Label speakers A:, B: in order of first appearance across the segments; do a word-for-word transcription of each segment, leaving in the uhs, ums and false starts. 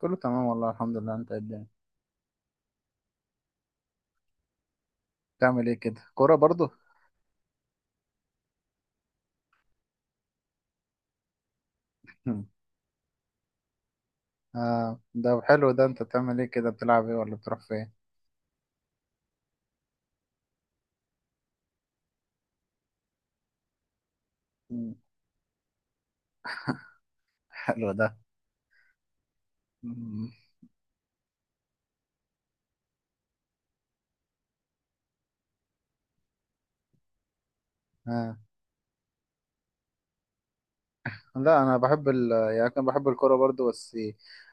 A: كله تمام والله الحمد لله. انت إيه الدنيا؟ بتعمل ايه كده؟ كورة برضو؟ آه، ده حلو. ده انت بتعمل ايه كده؟ بتلعب ايه ولا بتروح فين؟ مم. حلو ده. مم. آه. لا، انا بحب ال يعني كان بحب الكوره برضو. بس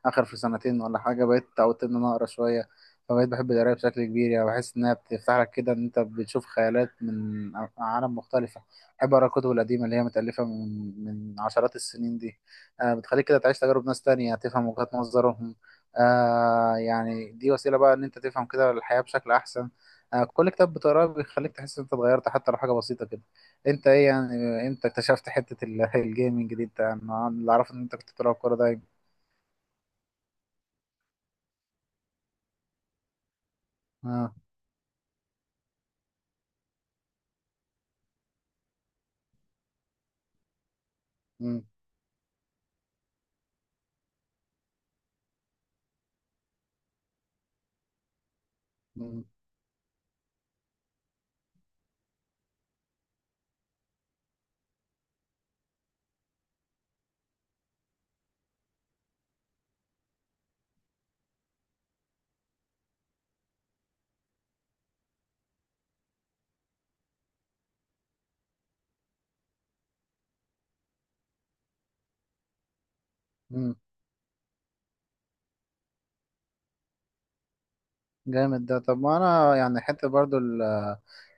A: اخر في سنتين ولا حاجه بقيت اتعودت ان انا اقرا شويه. فبقيت بحب القرايه بشكل كبير، يعني بحس انها بتفتح لك كده ان انت بتشوف خيالات من ع- عالم مختلفه. بحب اقرا الكتب القديمه اللي هي متالفه من من عشرات السنين دي. آه بتخليك كده تعيش تجارب ناس تانية، تفهم وجهات نظرهم. آه يعني دي وسيله بقى ان انت تفهم كده الحياه بشكل احسن. آه كل كتاب بتقراه بيخليك تحس ان انت اتغيرت، حتى لو حاجه بسيطه كده. انت ايه يعني؟ امتى اكتشفت حتة ال- الجيمنج دي؟ انت، انا اللي اعرفه ان انت كنت بتلعب كورة دايما. اه. مم. مم. مم. جامد ده. طب ما انا يعني حتى برضو ال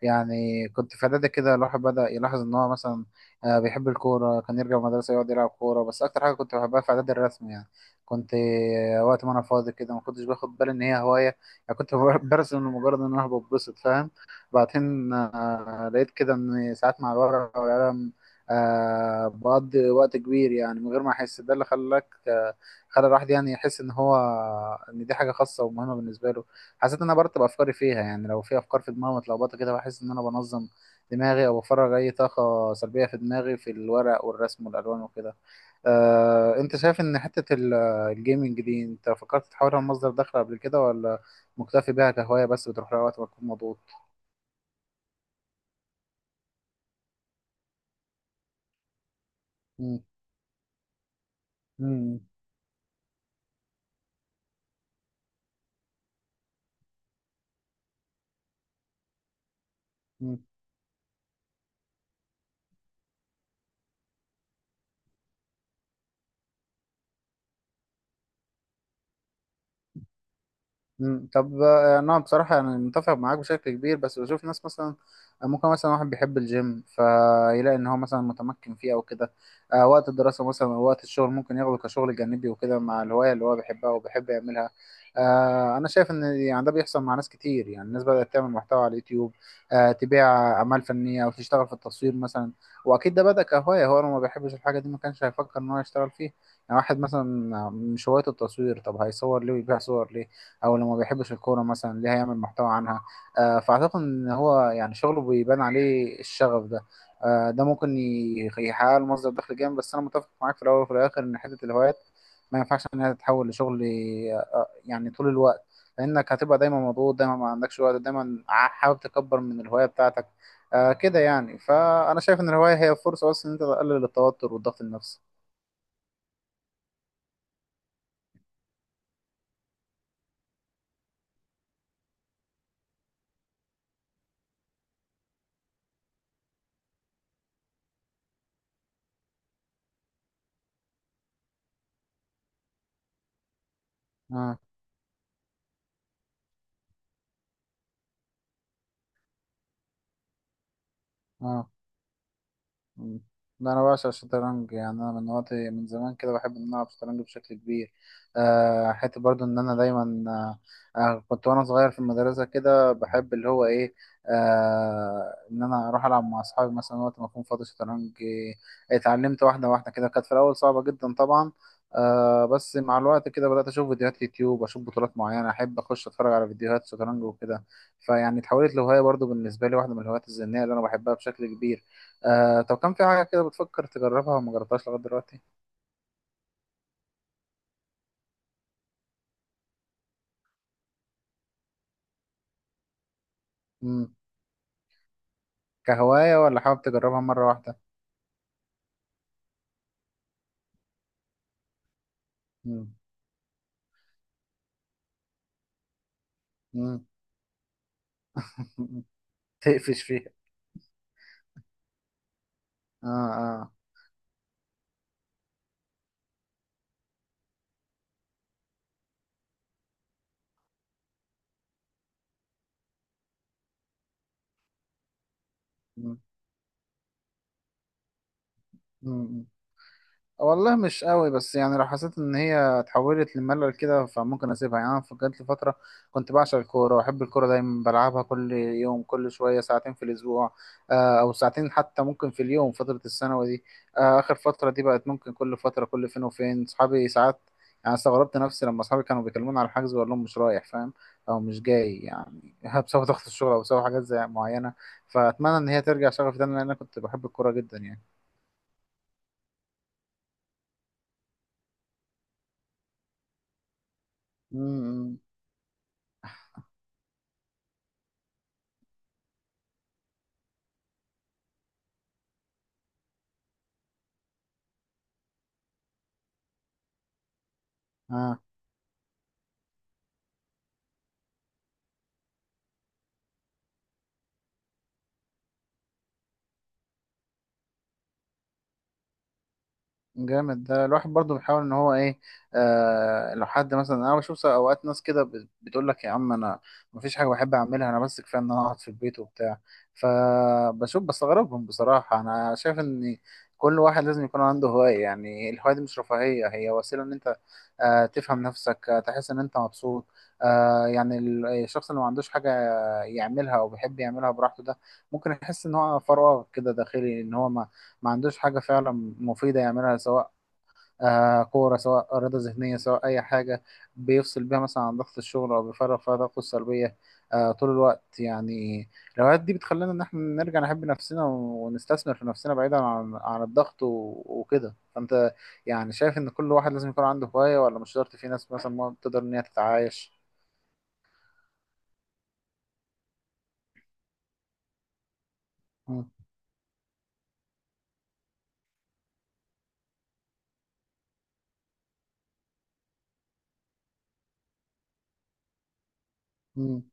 A: يعني كنت في اعدادي كده الواحد بدأ يلاحظ ان هو مثلا آه، بيحب الكورة، كان يرجع من المدرسة يقعد يلعب كورة. بس اكتر حاجة كنت بحبها في اعدادي الرسم يعني. كنت آه، وقت ما انا فاضي كده ما كنتش باخد بالي ان هي هواية، يعني كنت بر- برسم لمجرد ان انا ببسط، فاهم. بعدين آه، لقيت كده ان ساعات مع الورقة والقلم آه بقضي وقت كبير يعني من غير ما احس. ده اللي خلاك آه، خلى الواحد يعني يحس ان هو آه، ان دي حاجة خاصة ومهمة بالنسبة له. حسيت ان انا برتب افكاري فيها، يعني لو في افكار في دماغي متلخبطه كده بحس ان انا بنظم دماغي، او بفرغ اي طاقه سلبيه في دماغي في الورق والرسم والالوان وكده. آه، انت شايف ان حته ال- الجيمنج دي انت فكرت تحولها لمصدر دخل قبل كده، ولا مكتفي بيها كهوايه بس بتروح لها وقت ما تكون مضغوط؟ مم. مم. مم. طب آه، انا بصراحه انا متفق معاك بشكل كبير. بس بشوف ناس مثلا آه، ممكن مثلا واحد بيحب الجيم فيلاقي ان هو مثلا متمكن فيه او كده، آه، وقت الدراسه مثلا او وقت الشغل ممكن ياخده كشغل جانبي وكده مع الهوايه اللي هو بيحبها وبيحب يعملها. آه، انا شايف ان يعني ده بيحصل مع ناس كتير، يعني الناس بدات تعمل محتوى على اليوتيوب، آه، تبيع اعمال فنيه او تشتغل في التصوير مثلا. واكيد ده بدا كهوايه. هو لو ما بيحبش الحاجه دي ما كانش هيفكر ان هو يشتغل فيه. يعني واحد مثلا مش هوايته التصوير، طب هيصور ليه ويبيع صور ليه؟ او لو ما بيحبش الكوره مثلا ليه هيعمل محتوى عنها؟ آه، فاعتقد ان هو يعني شغله بيبان عليه الشغف ده. آه، ده ممكن ي- يحقق له مصدر دخل جامد. بس انا متفق معاك في الاول وفي الاخر ان حته الهوايات ما ينفعش انها تتحول لشغل آه، آه، يعني طول الوقت. لانك هتبقى دايما مضغوط، دايما ما عندكش وقت، دايما ع- حاول تكبر من الهوايه بتاعتك. آه، كده يعني. فانا شايف ان الهوايه هي فرصه بس ان انت تقلل التوتر والضغط النفسي. آه، آه. مم. لا انا بعشق الشطرنج، يعني انا من وقت من زمان كده بحب ان انا العب شطرنج بشكل كبير. أه حتى برضو ان انا دايما، أه آه، كنت وانا صغير في المدرسه كده بحب اللي هو ايه، أه ان انا اروح العب مع اصحابي مثلا وقت ما اكون فاضي شطرنج. آه، اتعلمت واحده واحده كده، كانت في الاول صعبه جدا طبعا. أه بس مع الوقت كده بدات اشوف فيديوهات يوتيوب، اشوف بطولات معينه، احب اخش اتفرج على فيديوهات شطرنج وكده. فيعني اتحولت لهوايه برضو بالنسبه لي، واحده من الهوايات الذهنيه اللي انا بحبها بشكل كبير. آه طب كان في حاجة كده بتفكر تجربها وما جربتهاش لغاية دلوقتي؟ مم. كهواية ولا حابب تجربها مرة واحدة؟ مم. مم. تقفش فيها. اه. اه. مم. مم. والله مش قوي. بس يعني لو حسيت ان هي اتحولت لملل كده فممكن اسيبها. يعني انا جات لي فتره كنت بعشق الكوره، واحب الكوره دايما بلعبها كل يوم، كل شويه ساعتين في الاسبوع، آه، او ساعتين حتى ممكن في اليوم، فتره الثانوي دي. آه، اخر فتره دي بقت ممكن كل فتره، كل فين وفين صحابي ساعات. يعني استغربت نفسي لما اصحابي كانوا بيكلموني على الحجز واقول لهم مش رايح، فاهم؟ او مش جاي، يعني بسبب ضغط الشغل او بسبب حاجات زي معينه. فاتمنى ان هي ترجع شغفي تاني لان انا كنت بحب الكوره جدا يعني. امم. آه. جامد ده. الواحد برضو بيحاول ان هو ايه. آه لو حد مثلا، انا بشوف س- اوقات ناس كده ب- بتقول لك يا عم انا مفيش حاجه بحب اعملها انا، بس كفايه ان انا اقعد في البيت وبتاع. فبشوف بستغربهم بصراحه. انا شايف ان كل واحد لازم يكون عنده هوايه يعني. الهوايه دي مش رفاهيه، هي وسيله ان انت آه تفهم نفسك، آه تحس ان انت مبسوط. آه يعني ال- الشخص اللي ما عندوش حاجه يعملها او بيحب يعملها براحته ده ممكن يحس ان هو فراغ كده داخلي، ان هو ما ما عندوش حاجة فعلا مفيدة يعملها، سواء آه كورة، سواء رياضة ذهنية، سواء أي حاجة بيفصل بيها مثلا عن ضغط الشغل أو بيفرغ فيها طاقته السلبية آه طول الوقت يعني. الهوايات دي بتخلينا إن إحنا نرجع نحب نفسنا ونستثمر في نفسنا بعيدا عن عن الضغط و- وكده. فأنت يعني شايف إن كل واحد لازم يكون عنده هواية ولا مش شرط، في ناس مثلا ما تقدر إن هي تتعايش؟ مم. مم.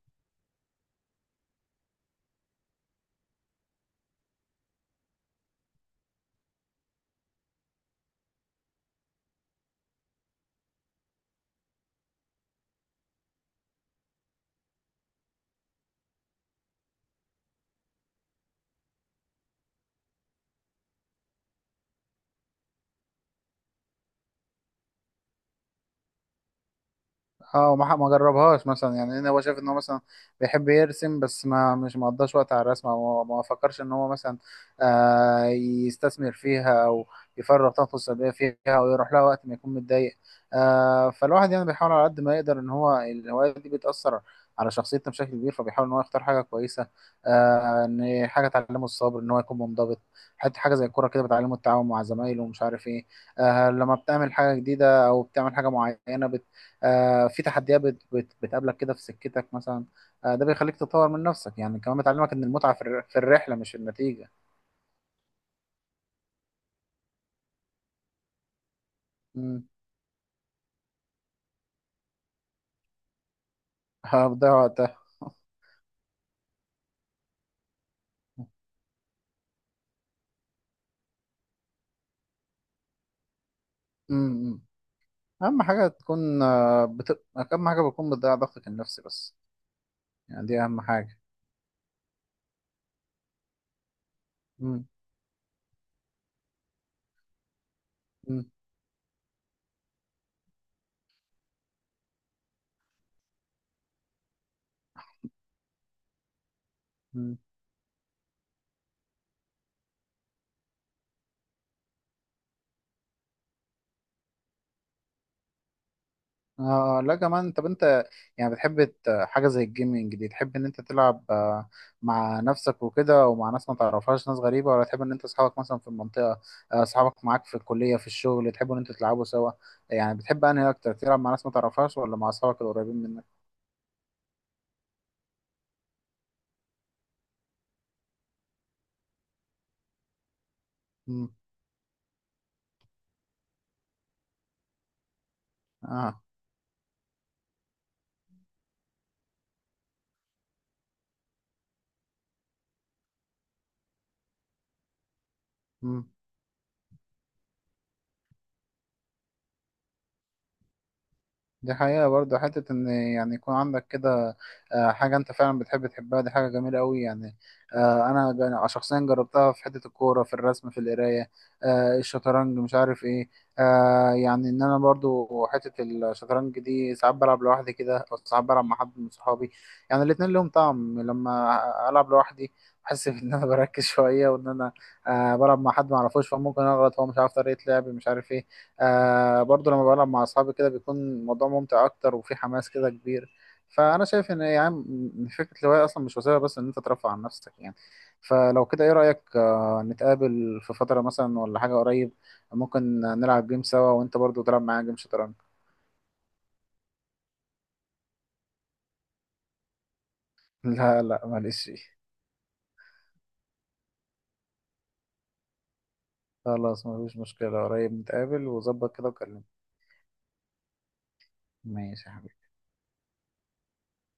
A: اه، ما ما جربهاش مثلا، يعني إن هو شايف ان هو مثلا بيحب يرسم بس ما مش مقضاش وقت على الرسم، او ما ما فكرش ان هو مثلا آه يستثمر فيها او يفرغ طاقته السلبيه فيها او يروح لها وقت ما يكون متضايق. آه فالواحد يعني بيحاول على قد ما يقدر ان هو الهوايات دي بتاثر على شخصيتنا بشكل كبير، فبيحاول ان هو يختار حاجه كويسه، آه ان حاجه تعلمه الصبر، ان هو يكون منضبط. حتى حاجه زي الكوره كده بتعلمه التعاون مع زمايله ومش عارف ايه. آه لما بتعمل حاجه جديده او بتعمل حاجه معينه آه، في تحديات بت- بت- بتقابلك كده في سكتك مثلا. آه، ده بيخليك تطور من نفسك يعني، كمان بتعلمك ان المتعة في الر- في الرحلة مش النتيجة. امم. هتضيع وقتها. امم. اهم حاجة تكون آه، بت... اهم حاجة بتكون بتضيع ضغطك النفسي بس. يعني دي اهم حاجة. امم. امم. آه لا كمان. طب انت يعني بتحب ت- حاجة زي الجيمنج دي، تحب إن أنت تلعب آه، مع نفسك وكده ومع ناس ما تعرفهاش، ناس غريبة، ولا تحب إن أنت أصحابك مثلا في المنطقة، آه، أصحابك معاك في الكلية في الشغل تحبوا إن أنتوا تلعبوا سوا؟ يعني بتحب أنهي أكتر، تلعب مع ناس ما تعرفهاش ولا مع أصحابك القريبين منك؟ مم. آه. مم. دي حقيقة برضه حتة إن يعني يكون عندك كده آه، حاجة أنت فعلا بتحب تحبها، دي حاجة جميلة أوي يعني. آه، أنا جا- شخصيا جربتها في حتة الكورة، في الرسم، في القراية، آه، الشطرنج، مش عارف إيه. آه، يعني إن أنا برضه حتة الشطرنج دي ساعات بلعب لوحدي كده أو ساعات بلعب مع حد من صحابي. يعني الاتنين لهم طعم. لما ألعب لوحدي بحس إن أنا بركز شوية وإن أنا آه، بلعب مع حد معرفوش فممكن أغلط، هو مش عارف طريقة لعبي، مش عارف إيه. آه برضو لما بلعب مع أصحابي كده بيكون الموضوع ممتع أكتر وفي حماس كده كبير. فأنا شايف إن يعني م- فكرة الهواية أصلا مش وسيلة بس إن أنت ترفع عن نفسك يعني. فلو كده إيه رأيك، آه نتقابل في فترة مثلا ولا حاجة قريب؟ ممكن نلعب جيم سوا وأنت برضو تلعب معايا جيم شطرنج. لا لا معلش. خلاص مفيش مشكلة، قريب نتقابل وظبط كده وكلمني. ماشي يا حبيبي.